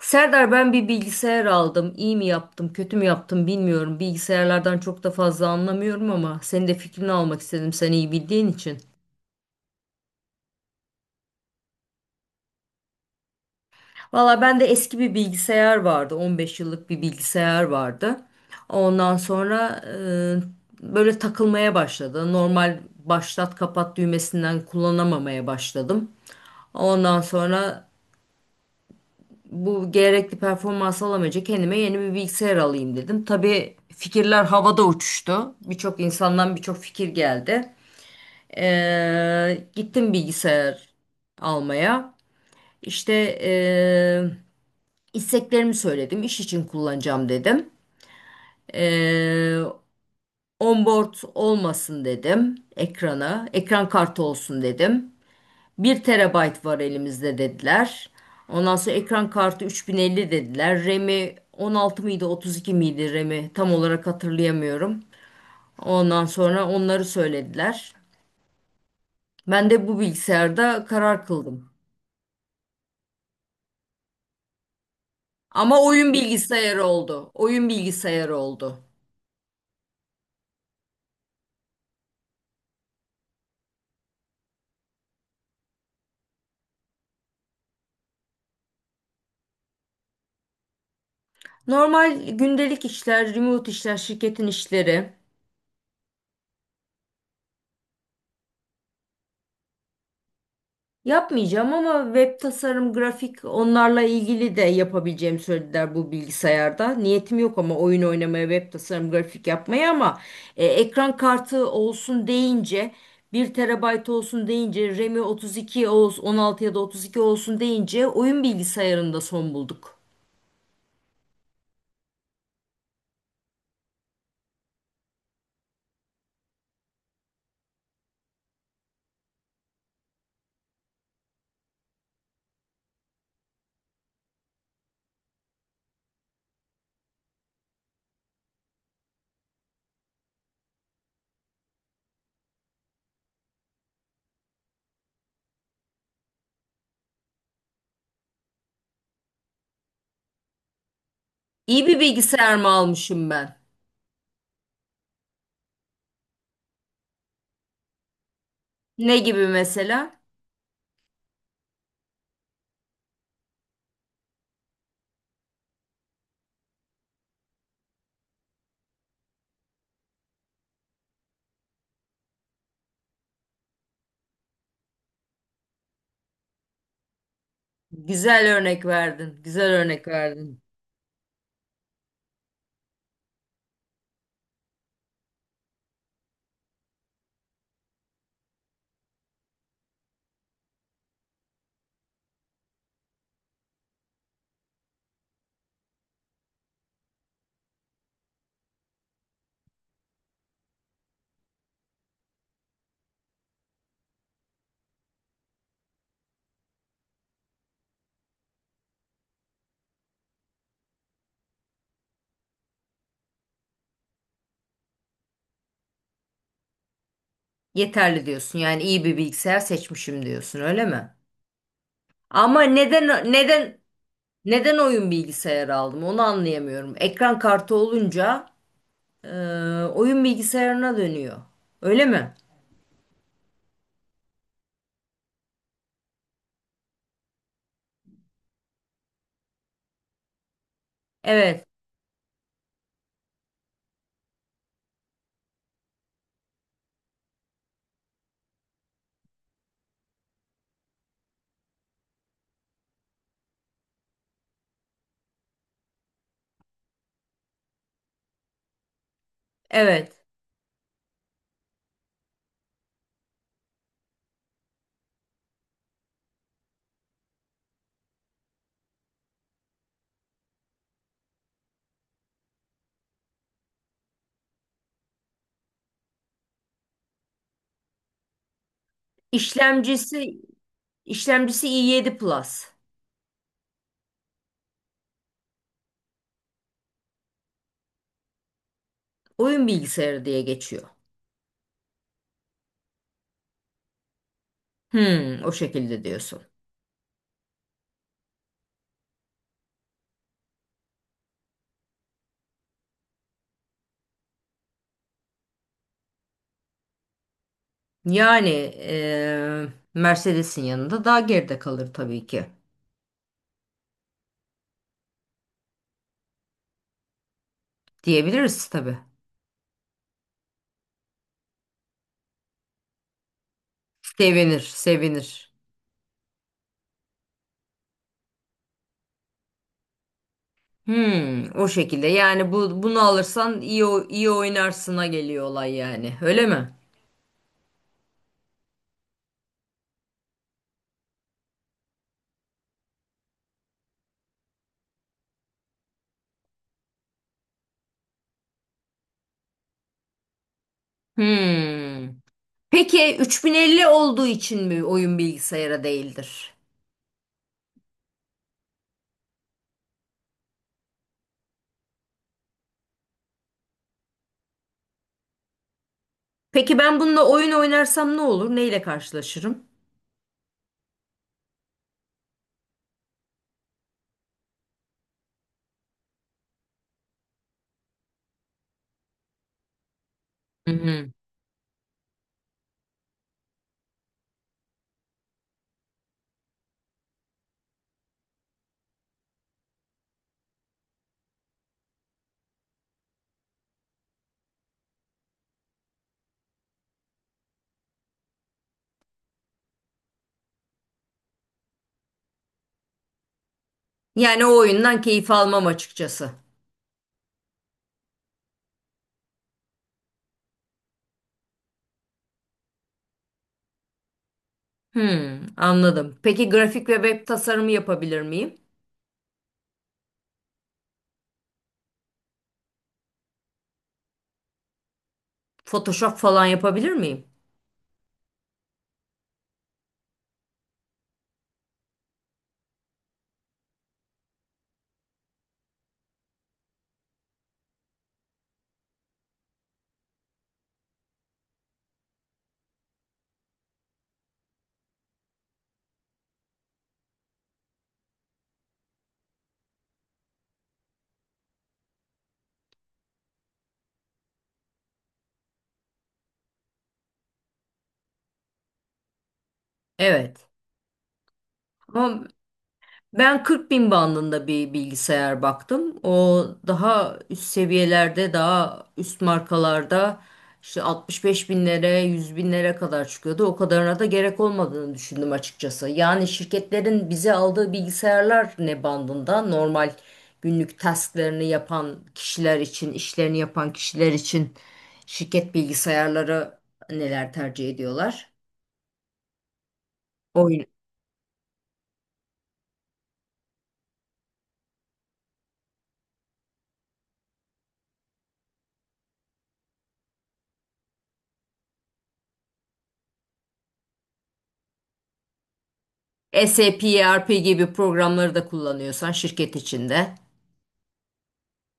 Serdar ben bir bilgisayar aldım. İyi mi yaptım, kötü mü yaptım bilmiyorum. Bilgisayarlardan çok da fazla anlamıyorum ama senin de fikrini almak istedim sen iyi bildiğin için. Valla bende eski bir bilgisayar vardı. 15 yıllık bir bilgisayar vardı. Ondan sonra böyle takılmaya başladı. Normal başlat kapat düğmesinden kullanamamaya başladım. Ondan sonra bu gerekli performans alamayınca kendime yeni bir bilgisayar alayım dedim. Tabii fikirler havada uçuştu. Birçok insandan birçok fikir geldi. Gittim bilgisayar almaya. İşte ee, isteklerimi söyledim. İş için kullanacağım dedim. Ee, onboard olmasın dedim ekrana. Ekran kartı olsun dedim. Bir terabayt var elimizde dediler. Ondan sonra ekran kartı 3050 dediler. RAM'i 16 mıydı 32 miydi RAM'i tam olarak hatırlayamıyorum. Ondan sonra onları söylediler. Ben de bu bilgisayarda karar kıldım. Ama oyun bilgisayarı oldu. Oyun bilgisayarı oldu. Normal gündelik işler, remote işler, şirketin işleri. Yapmayacağım ama web tasarım, grafik onlarla ilgili de yapabileceğimi söylediler bu bilgisayarda. Niyetim yok ama oyun oynamaya, web tasarım, grafik yapmaya ama ekran kartı olsun deyince bir terabayt olsun deyince RAM'i 32 olsun 16 ya da 32 olsun deyince oyun bilgisayarında son bulduk. İyi bir bilgisayar mı almışım ben? Ne gibi mesela? Güzel örnek verdin. Güzel örnek verdin. Yeterli diyorsun. Yani iyi bir bilgisayar seçmişim diyorsun, öyle mi? Ama neden oyun bilgisayarı aldım onu anlayamıyorum. Ekran kartı olunca e, oyun bilgisayarına dönüyor. Öyle mi? Evet. Evet. İşlemcisi işlemcisi i7 Plus. Oyun bilgisayarı diye geçiyor. Hmm, o şekilde diyorsun. Yani e, Mercedes'in yanında daha geride kalır tabii ki. Diyebiliriz tabii. Sevinir, sevinir. Hmm, o şekilde. Yani bunu alırsan iyi iyi oynarsına geliyor olay yani. Öyle mi? Hmm. Peki 3050 olduğu için mi oyun bilgisayara değildir? Peki ben bununla oyun oynarsam ne olur? Neyle karşılaşırım? Hı hı. Yani o oyundan keyif almam açıkçası. Hmm, anladım. Peki grafik ve web tasarımı yapabilir miyim? Photoshop falan yapabilir miyim? Evet. Ama ben 40 bin bandında bir bilgisayar baktım. O daha üst seviyelerde, daha üst markalarda işte 65 binlere, 100 binlere kadar çıkıyordu. O kadarına da gerek olmadığını düşündüm açıkçası. Yani şirketlerin bize aldığı bilgisayarlar ne bandında? Normal günlük tasklarını yapan kişiler için, işlerini yapan kişiler için şirket bilgisayarları neler tercih ediyorlar? Oyun. SAP, ERP gibi programları da kullanıyorsan şirket içinde.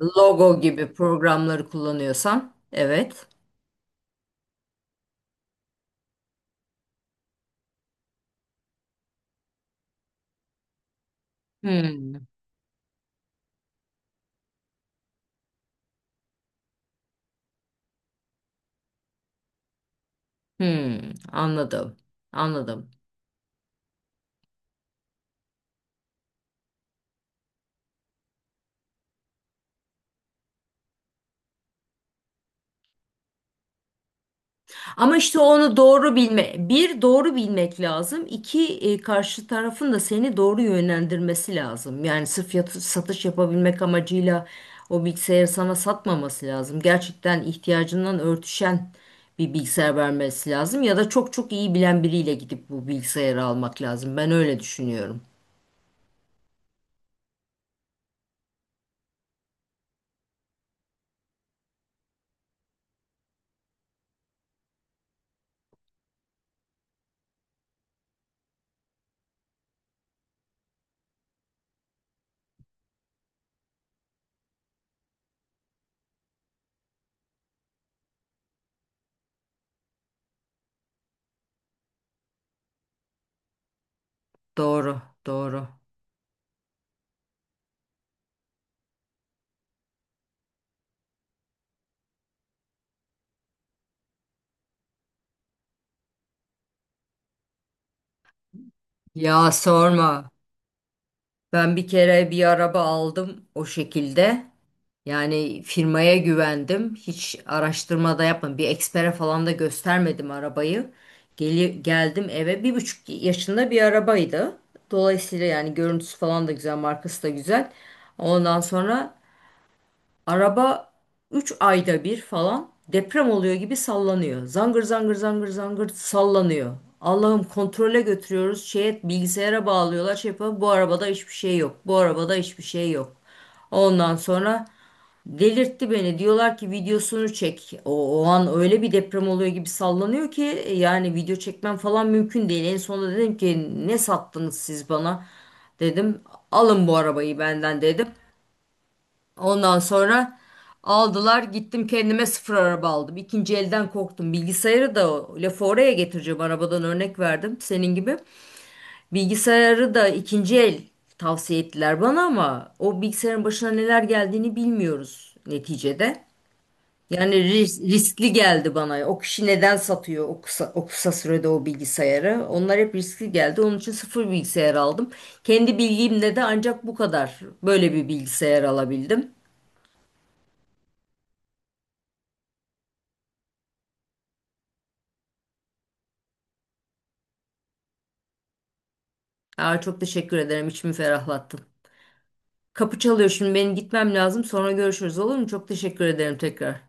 Logo gibi programları kullanıyorsan evet. Hmm, hmm, anladım. Anladım. Ama işte onu doğru bilme. Bir doğru bilmek lazım. İki karşı tarafın da seni doğru yönlendirmesi lazım. Yani sırf satış yapabilmek amacıyla o bilgisayarı sana satmaması lazım. Gerçekten ihtiyacından örtüşen bir bilgisayar vermesi lazım ya da çok çok iyi bilen biriyle gidip bu bilgisayarı almak lazım. Ben öyle düşünüyorum. Doğru, doğru. Ya sorma. Ben bir kere bir araba aldım o şekilde. Yani firmaya güvendim. Hiç araştırma da yapmadım. Bir ekspere falan da göstermedim arabayı. Geldim eve 1,5 yaşında bir arabaydı. Dolayısıyla yani görüntüsü falan da güzel, markası da güzel. Ondan sonra araba 3 ayda bir falan deprem oluyor gibi sallanıyor. Zangır zangır zangır zangır sallanıyor. Allah'ım kontrole götürüyoruz. Şeye, bilgisayara bağlıyorlar. Şey yapıyor. Bu arabada hiçbir şey yok. Bu arabada hiçbir şey yok. Ondan sonra delirtti beni. Diyorlar ki videosunu çek. O an öyle bir deprem oluyor gibi sallanıyor ki yani video çekmem falan mümkün değil. En sonunda dedim ki ne sattınız siz bana? Dedim alın bu arabayı benden dedim. Ondan sonra aldılar gittim kendime sıfır araba aldım. İkinci elden korktum. Bilgisayarı da o lafı oraya getireceğim arabadan örnek verdim senin gibi. Bilgisayarı da ikinci el tavsiye ettiler bana ama o bilgisayarın başına neler geldiğini bilmiyoruz neticede. Yani riskli geldi bana. O kişi neden satıyor o kısa sürede o bilgisayarı? Onlar hep riskli geldi. Onun için sıfır bilgisayar aldım. Kendi bilgimle de ancak bu kadar böyle bir bilgisayar alabildim. Aa, çok teşekkür ederim. İçimi ferahlattın. Kapı çalıyor şimdi. Benim gitmem lazım. Sonra görüşürüz olur mu? Çok teşekkür ederim tekrar.